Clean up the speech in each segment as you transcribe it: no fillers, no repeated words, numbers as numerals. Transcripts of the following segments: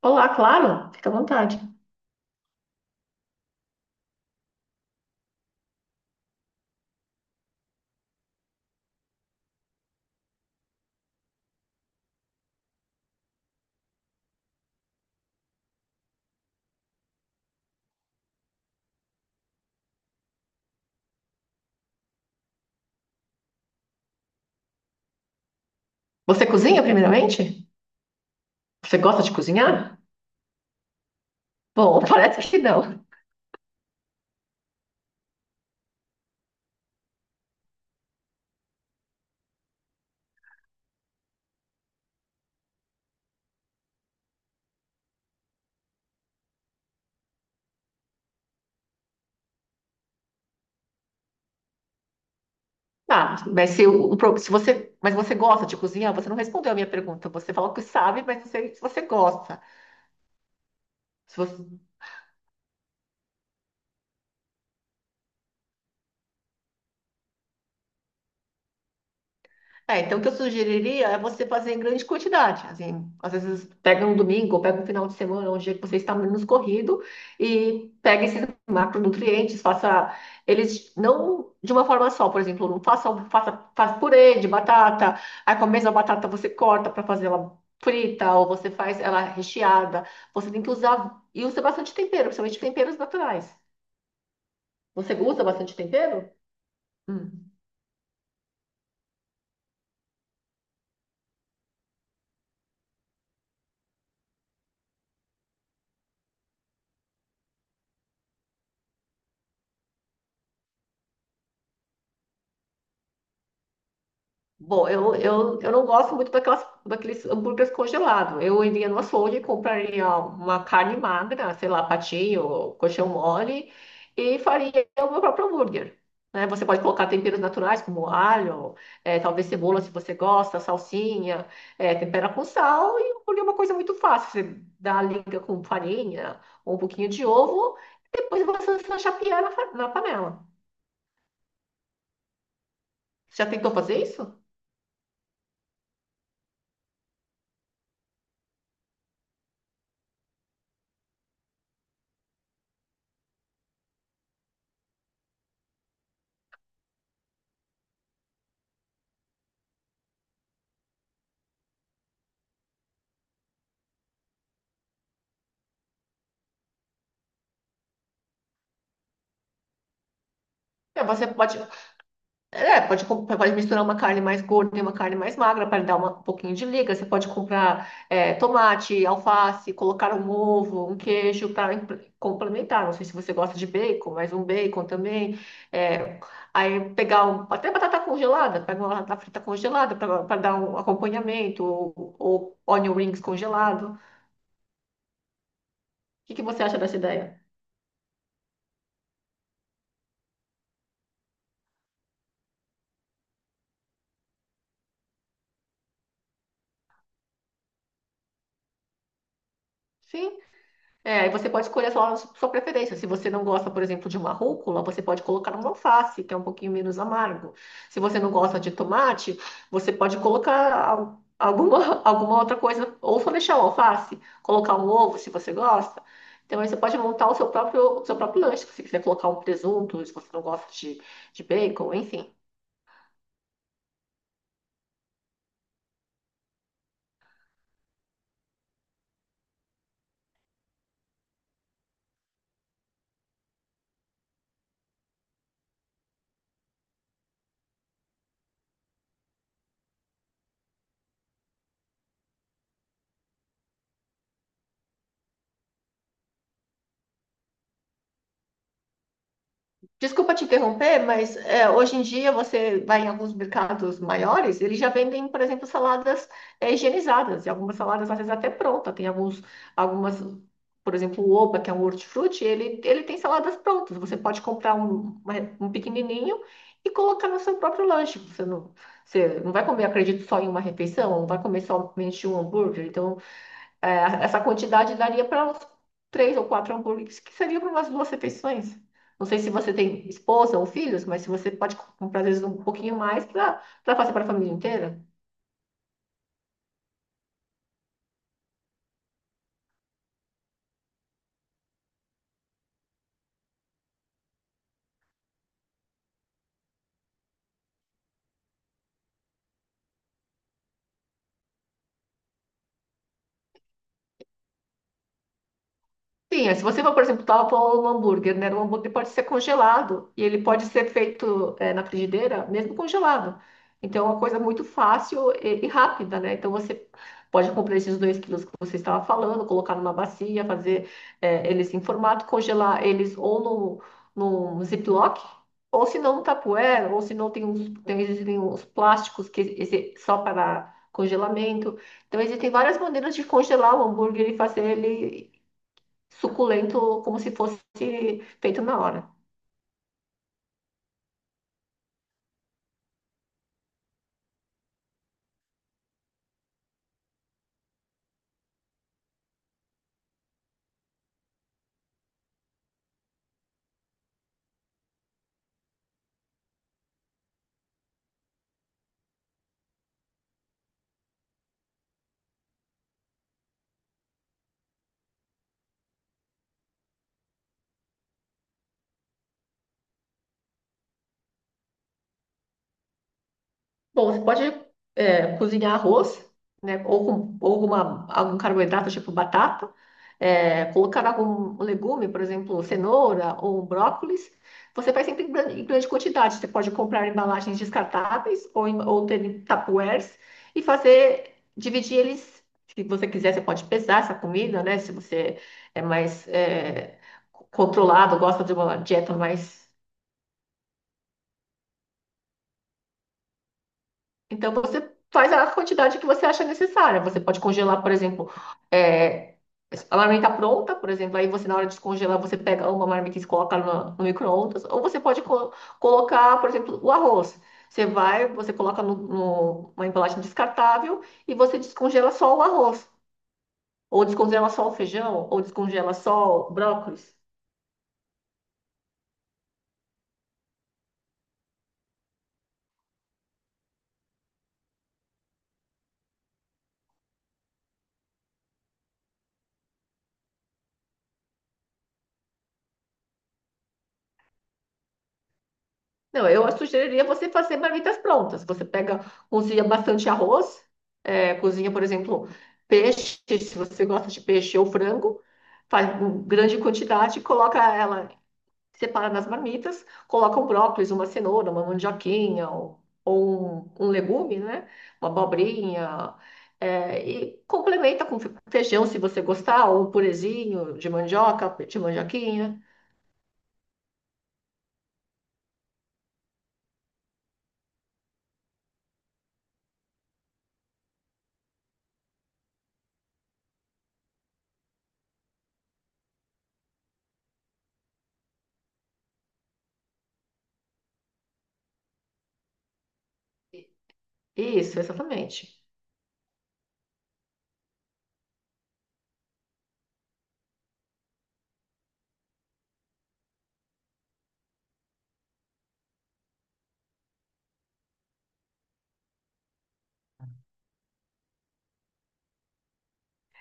Olá, claro, fica à vontade. Você cozinha, primeiramente? Você gosta de cozinhar? Bom, parece que não. Tá, mas se, se você, mas você gosta de cozinhar? Você não respondeu a minha pergunta. Você falou que sabe, mas não sei se você gosta. Então o que eu sugeriria é você fazer em grande quantidade. Assim, às vezes pega um domingo, ou pega um final de semana, um dia que você está menos corrido, e pega esses macronutrientes, faça eles não de uma forma só, por exemplo, não faça, faça, faça purê de batata, aí com a mesma batata você corta para fazer ela frita, ou você faz ela recheada. Você tem que usar, e usa bastante tempero, principalmente temperos naturais. Você usa bastante tempero? Hum. Bom, eu não gosto muito daqueles hambúrgueres congelados. Eu iria no açougue, compraria uma carne magra, sei lá, patinho, coxão mole, e faria o meu próprio hambúrguer. Né? Você pode colocar temperos naturais, como alho, talvez cebola, se você gosta, salsinha, tempera com sal, e o hambúrguer é uma coisa muito fácil. Você dá a liga com farinha, um pouquinho de ovo, e depois você só chapear na panela. Você já tentou fazer isso? É, você pode. É, pode, pode misturar uma carne mais gorda e uma carne mais magra para dar um pouquinho de liga. Você pode comprar é, tomate, alface, colocar um ovo, um queijo para complementar. Não sei se você gosta de bacon, mas um bacon também. É, aí pegar até batata congelada, pega uma batata frita congelada para dar um acompanhamento, ou onion rings congelado. O que que você acha dessa ideia? Sim. É, e você pode escolher a sua preferência. Se você não gosta, por exemplo, de uma rúcula, você pode colocar uma alface, que é um pouquinho menos amargo. Se você não gosta de tomate, você pode colocar alguma outra coisa, ou só deixar o alface, colocar um ovo, se você gosta. Então, aí você pode montar o seu próprio lanche, se você quiser colocar um presunto, se você não gosta de bacon, enfim. Desculpa te interromper, mas é, hoje em dia você vai em alguns mercados maiores, eles já vendem, por exemplo, saladas é, higienizadas, e algumas saladas às vezes até pronta. Tem alguns, algumas, por exemplo, o Oba, que é um hortifruti, ele tem saladas prontas. Você pode comprar um, um pequenininho e colocar no seu próprio lanche. Você não vai comer, acredito, só em uma refeição, não vai comer somente um hambúrguer. Então, é, essa quantidade daria para uns três ou quatro hambúrgueres, que seria para umas duas refeições. Não sei se você tem esposa ou filhos, mas se você pode comprar, às vezes, um pouquinho mais para fazer para a família inteira. Sim, é, se você for, por exemplo, tal para um hambúrguer, né? O hambúrguer pode ser congelado e ele pode ser feito é, na frigideira, mesmo congelado. Então, é uma coisa muito fácil e rápida, né? Então, você pode comprar esses dois quilos que você estava falando, colocar numa bacia, fazer é, eles em formato, congelar eles ou no Ziploc, ou se não no Tupperware, ou se não tem uns, tem, existem uns plásticos que esse, só para congelamento. Então, existem várias maneiras de congelar o hambúrguer e fazer ele suculento, como se fosse feito na hora. Bom, você pode é, cozinhar arroz, né? Ou com ou alguma, algum carboidrato, tipo batata. É, colocar algum legume, por exemplo, cenoura ou um brócolis. Você faz sempre em em grande quantidade. Você pode comprar embalagens descartáveis ou, ou ter em tupperwares e fazer, dividir eles. Se você quiser, você pode pesar essa comida, né? Se você é mais é, controlado, gosta de uma dieta mais. Então você faz a quantidade que você acha necessária. Você pode congelar, por exemplo, é, a marmita pronta, por exemplo, aí você na hora de descongelar, você pega uma marmita e coloca no micro-ondas, ou você pode colocar, por exemplo, o arroz. Você vai, você coloca uma embalagem descartável e você descongela só o arroz, ou descongela só o feijão, ou descongela só o brócolis. Não, eu sugeriria você fazer marmitas prontas. Você pega, cozinha bastante arroz, é, cozinha, por exemplo, peixe, se você gosta de peixe ou frango, faz uma grande quantidade, coloca ela, separa nas marmitas, coloca um brócolis, uma cenoura, uma mandioquinha ou um legume, né? Uma abobrinha. É, e complementa com feijão, se você gostar, ou um purezinho de mandioca, de mandioquinha. Isso, exatamente.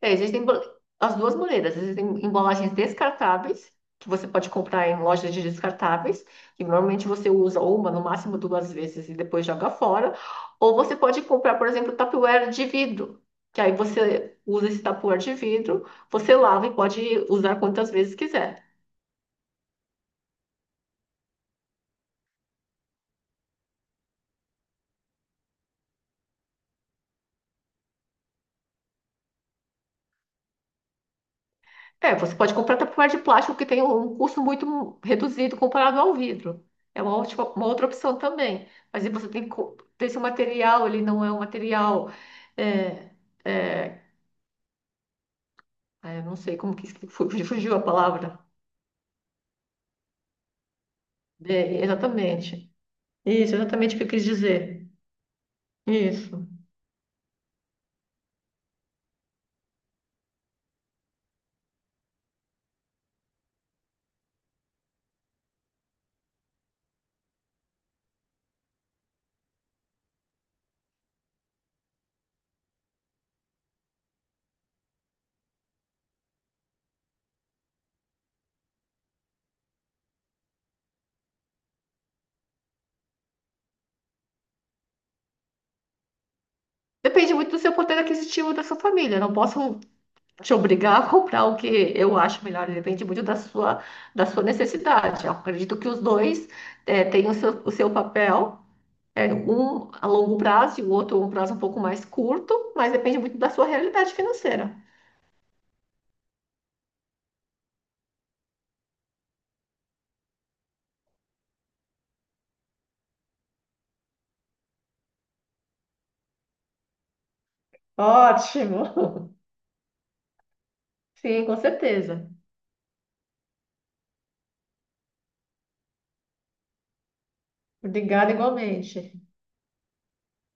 É, existem as duas maneiras. Existem embalagens descartáveis, que você pode comprar em lojas de descartáveis, que normalmente você usa uma, no máximo duas vezes e depois joga fora. Ou você pode comprar, por exemplo, Tupperware de vidro, que aí você usa esse Tupperware de vidro, você lava e pode usar quantas vezes quiser. É, você pode comprar tapuér de plástico que tem um custo muito reduzido comparado ao vidro. É uma ótima, uma outra opção também. Mas aí você tem que ver se o material ele não é um material. É, é, eu não sei como que fugiu a palavra. É, exatamente. Isso, exatamente o que eu quis dizer. Isso. Depende muito do seu poder aquisitivo da sua família. Não posso te obrigar a comprar o que eu acho melhor, depende muito da da sua necessidade. Eu acredito que os dois têm o seu papel, um a longo prazo e o outro um prazo um pouco mais curto, mas depende muito da sua realidade financeira. Ótimo! Sim, com certeza. Obrigada igualmente.